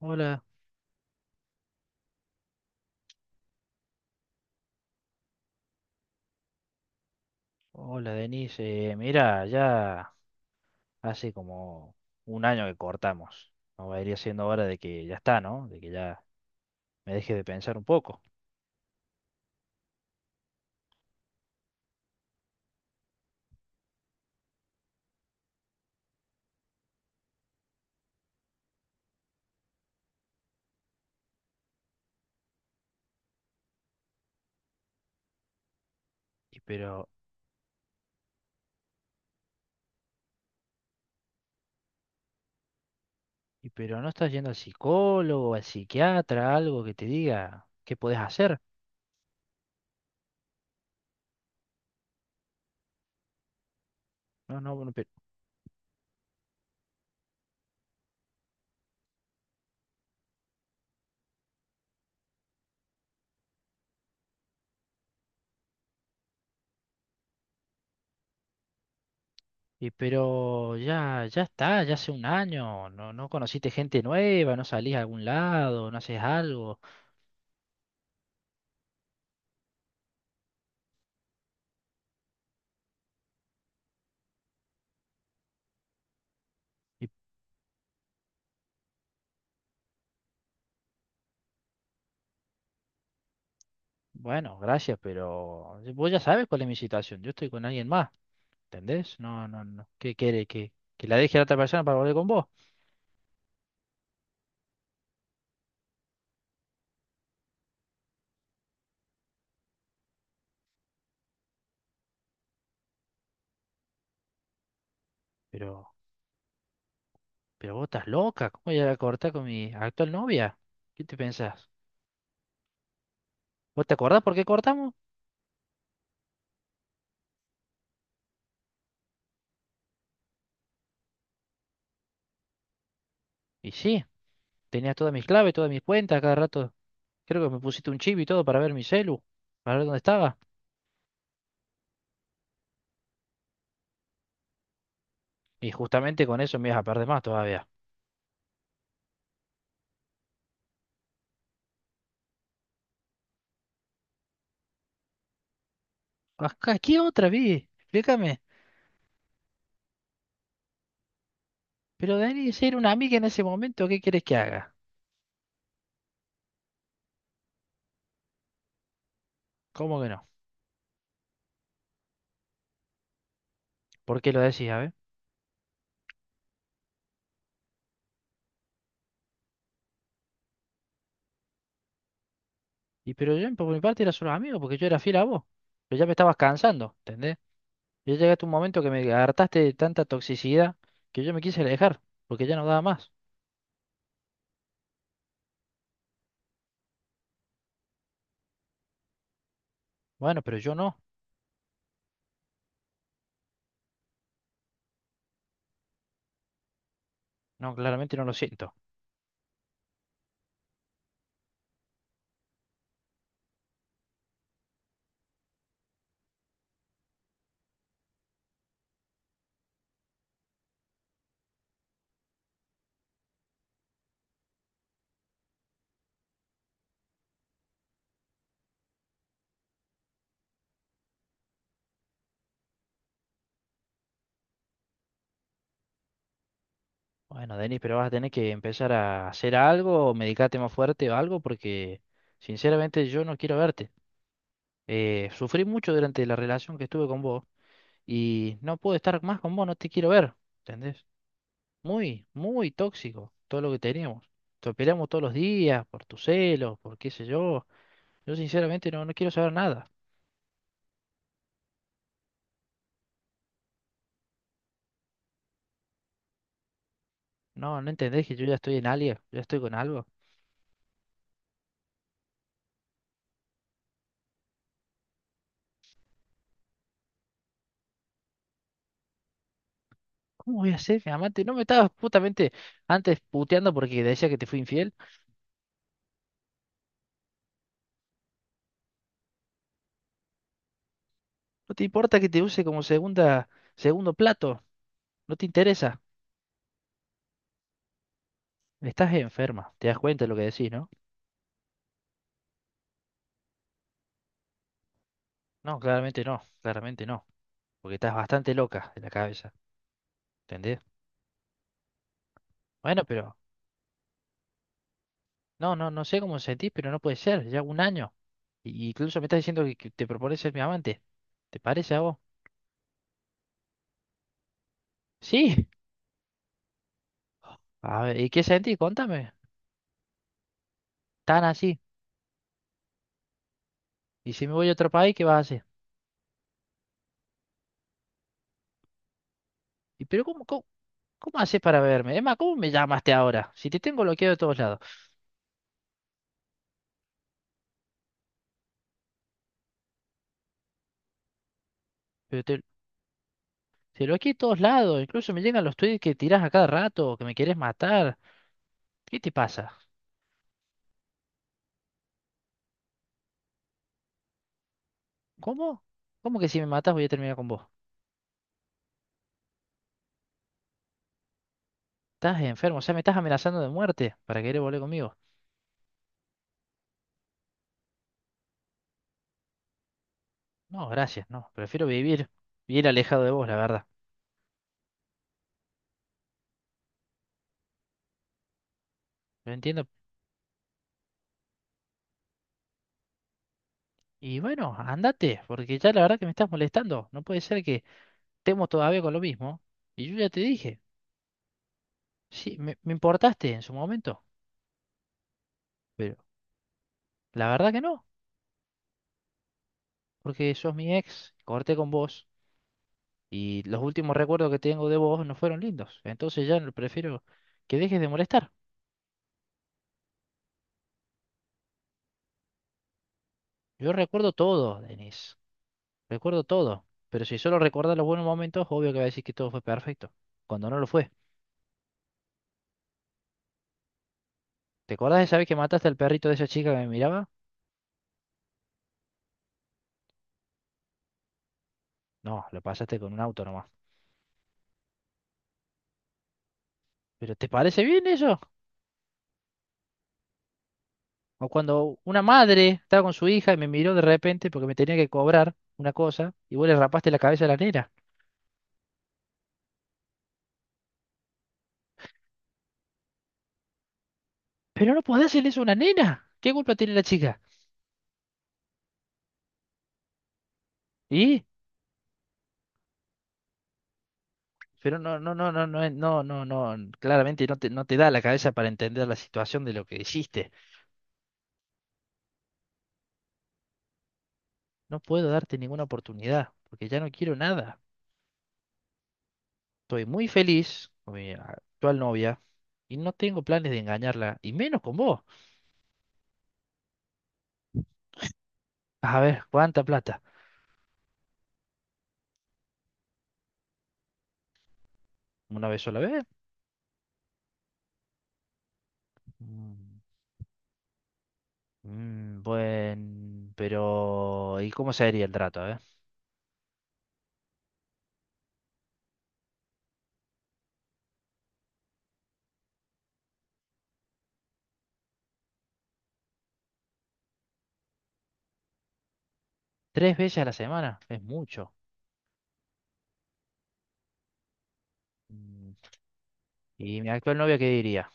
Hola, hola Denise. Mira, ya hace como un año que cortamos. No va a ir siendo hora de que ya está, ¿no? De que ya me dejes de pensar un poco. Y pero, y pero no estás yendo al psicólogo, al psiquiatra, algo que te diga qué podés hacer. No, no, bueno, pero, y pero ya está, ya hace un año. No, no conociste gente nueva, no salís a algún lado, no haces algo. Y bueno, gracias, pero vos ya sabes cuál es mi situación. Yo estoy con alguien más. ¿Entendés? No, no, no. ¿Qué quiere? ¿Que la deje a la otra persona para volver con vos? Pero, pero vos estás loca. ¿Cómo voy a cortar con mi actual novia? ¿Qué te pensás? ¿Vos te acordás por qué cortamos? Y sí, tenías todas mis claves, todas mis cuentas, cada rato. Creo que me pusiste un chip y todo para ver mi celu, para ver dónde estaba. Y justamente con eso me ibas a perder más todavía. Acá, ¿qué otra vi? Explícame. Pero Dani, si era una amiga en ese momento, ¿qué quieres que haga? ¿Cómo que no? ¿Por qué lo decís? A ver. Y pero yo por mi parte era solo amigo, porque yo era fiel a vos. Pero ya me estabas cansando, ¿entendés? Yo llegué hasta un momento que me hartaste de tanta toxicidad que yo me quise alejar, porque ya no daba más. Bueno, pero yo no. No, claramente no lo siento. Bueno, Denis, pero vas a tener que empezar a hacer algo, o medicarte más fuerte o algo, porque sinceramente yo no quiero verte. Sufrí mucho durante la relación que estuve con vos y no puedo estar más con vos, no te quiero ver, ¿entendés? Muy, muy tóxico todo lo que teníamos. Nos peleamos todos los días por tus celos, por qué sé yo. Yo sinceramente no, no quiero saber nada. No, no entendés que yo ya estoy en alguien, ya estoy con algo. ¿Cómo voy a ser mi amante? No me estabas justamente antes puteando porque decía que te fui infiel. No te importa que te use como segunda, segundo plato. No te interesa. Estás enferma. ¿Te das cuenta de lo que decís, no? No, claramente no, claramente no. Porque estás bastante loca de la cabeza. ¿Entendés? Bueno, pero no, no, no sé cómo sentís, pero no puede ser, ya un año. Y- incluso me estás diciendo que te propones ser mi amante. ¿Te parece a vos? Sí. A ver, ¿y qué sentís? Contame. Tan así. Y si me voy a otro país, ¿qué vas a hacer? ¿Y pero cómo haces para verme? Emma, ¿cómo me llamaste ahora? Si te tengo bloqueado de todos lados. Pero te bloqueé de todos lados. Incluso me llegan los tweets que tirás a cada rato, que me querés matar. ¿Qué te pasa? ¿Cómo? ¿Cómo que si me matás voy a terminar con vos? Estás enfermo, o sea, me estás amenazando de muerte para querer volver conmigo. No, gracias, no. Prefiero vivir bien alejado de vos, la verdad. Lo entiendo. Y bueno, andate, porque ya la verdad que me estás molestando. No puede ser que estemos todavía con lo mismo. Y yo ya te dije, sí, me importaste en su momento, pero la verdad que no, porque sos mi ex, corté con vos y los últimos recuerdos que tengo de vos no fueron lindos. Entonces ya no prefiero que dejes de molestar. Yo recuerdo todo, Denise, recuerdo todo. Pero si solo recordás los buenos momentos, obvio que vas a decir que todo fue perfecto, cuando no lo fue. ¿Te acordás de esa vez que mataste al perrito de esa chica que me miraba? No, lo pasaste con un auto nomás. ¿Pero te parece bien eso? O cuando una madre estaba con su hija y me miró de repente porque me tenía que cobrar una cosa y vos le rapaste la cabeza a la nena. Pero no podés hacerle eso a una nena. ¿Qué culpa tiene la chica? ¿Y? Pero no, no, no, no, no, no, no, no, claramente no te da la cabeza para entender la situación de lo que hiciste. No puedo darte ninguna oportunidad porque ya no quiero nada. Estoy muy feliz con mi actual novia y no tengo planes de engañarla, y menos con vos. A ver, ¿cuánta plata? ¿Una vez sola vez? Mm, buen, pero ¿y cómo sería el trato, eh? ¿Tres veces a la semana? Es mucho. Mm, ¿Y mi actual novia qué diría?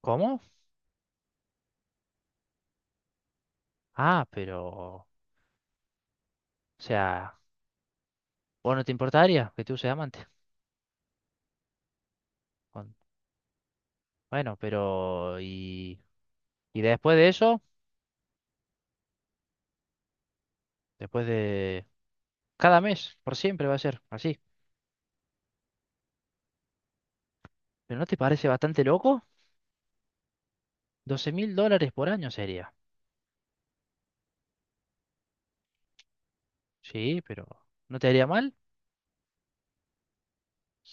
¿Cómo? Ah, pero, o sea, ¿vos no te importaría que tú seas amante? Con- Bueno, pero, ¿y y después de eso? Después de... Cada mes, por siempre va a ser así. ¿Pero no te parece bastante loco? 12.000 dólares por año sería. Sí, pero ¿no te haría mal?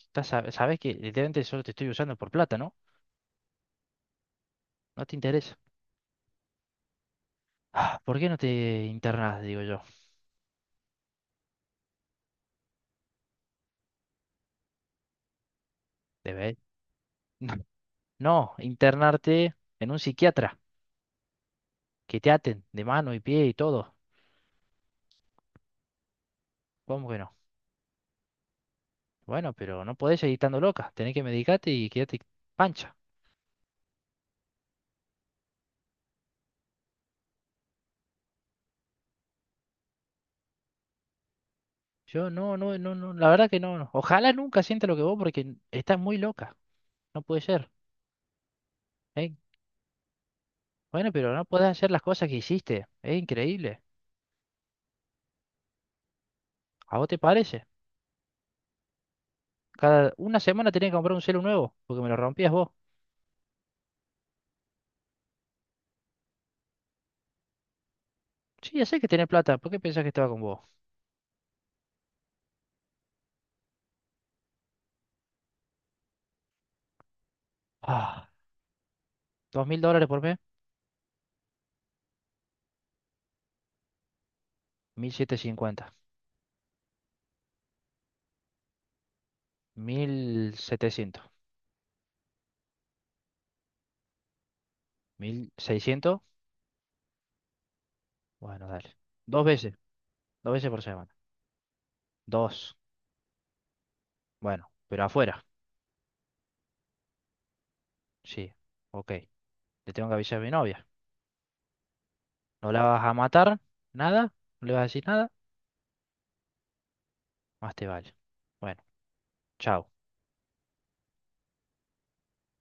Estás sabes que literalmente solo te estoy usando por plata, ¿no? No te interesa. Ah, ¿por qué no te internas, digo yo? Debe. No, no, internarte en un psiquiatra, que te aten de mano y pie y todo. ¿Cómo que no? Bueno, pero no podés seguir estando loca. Tenés que medicarte y quedarte pancha. Yo no, no, no, no, la verdad que no, no. Ojalá nunca sienta lo que vos porque estás muy loca. No puede ser. ¿Eh? Bueno, pero no puedes hacer las cosas que hiciste. Es increíble. ¿A vos te parece? Cada una semana tenés que comprar un celu nuevo, porque me lo rompías vos. Sí, ya sé que tenés plata. ¿Por qué pensás que estaba con vos? Ah, 2.000 dólares por mes, 1.700. 50, 1.700, 1.600. Bueno, dale. Dos veces, dos veces por semana. Dos. Bueno, pero afuera. Sí, ok. Le tengo que avisar a mi novia. No la vas a matar, nada, no le vas a decir nada, más te vale. Bueno, chao.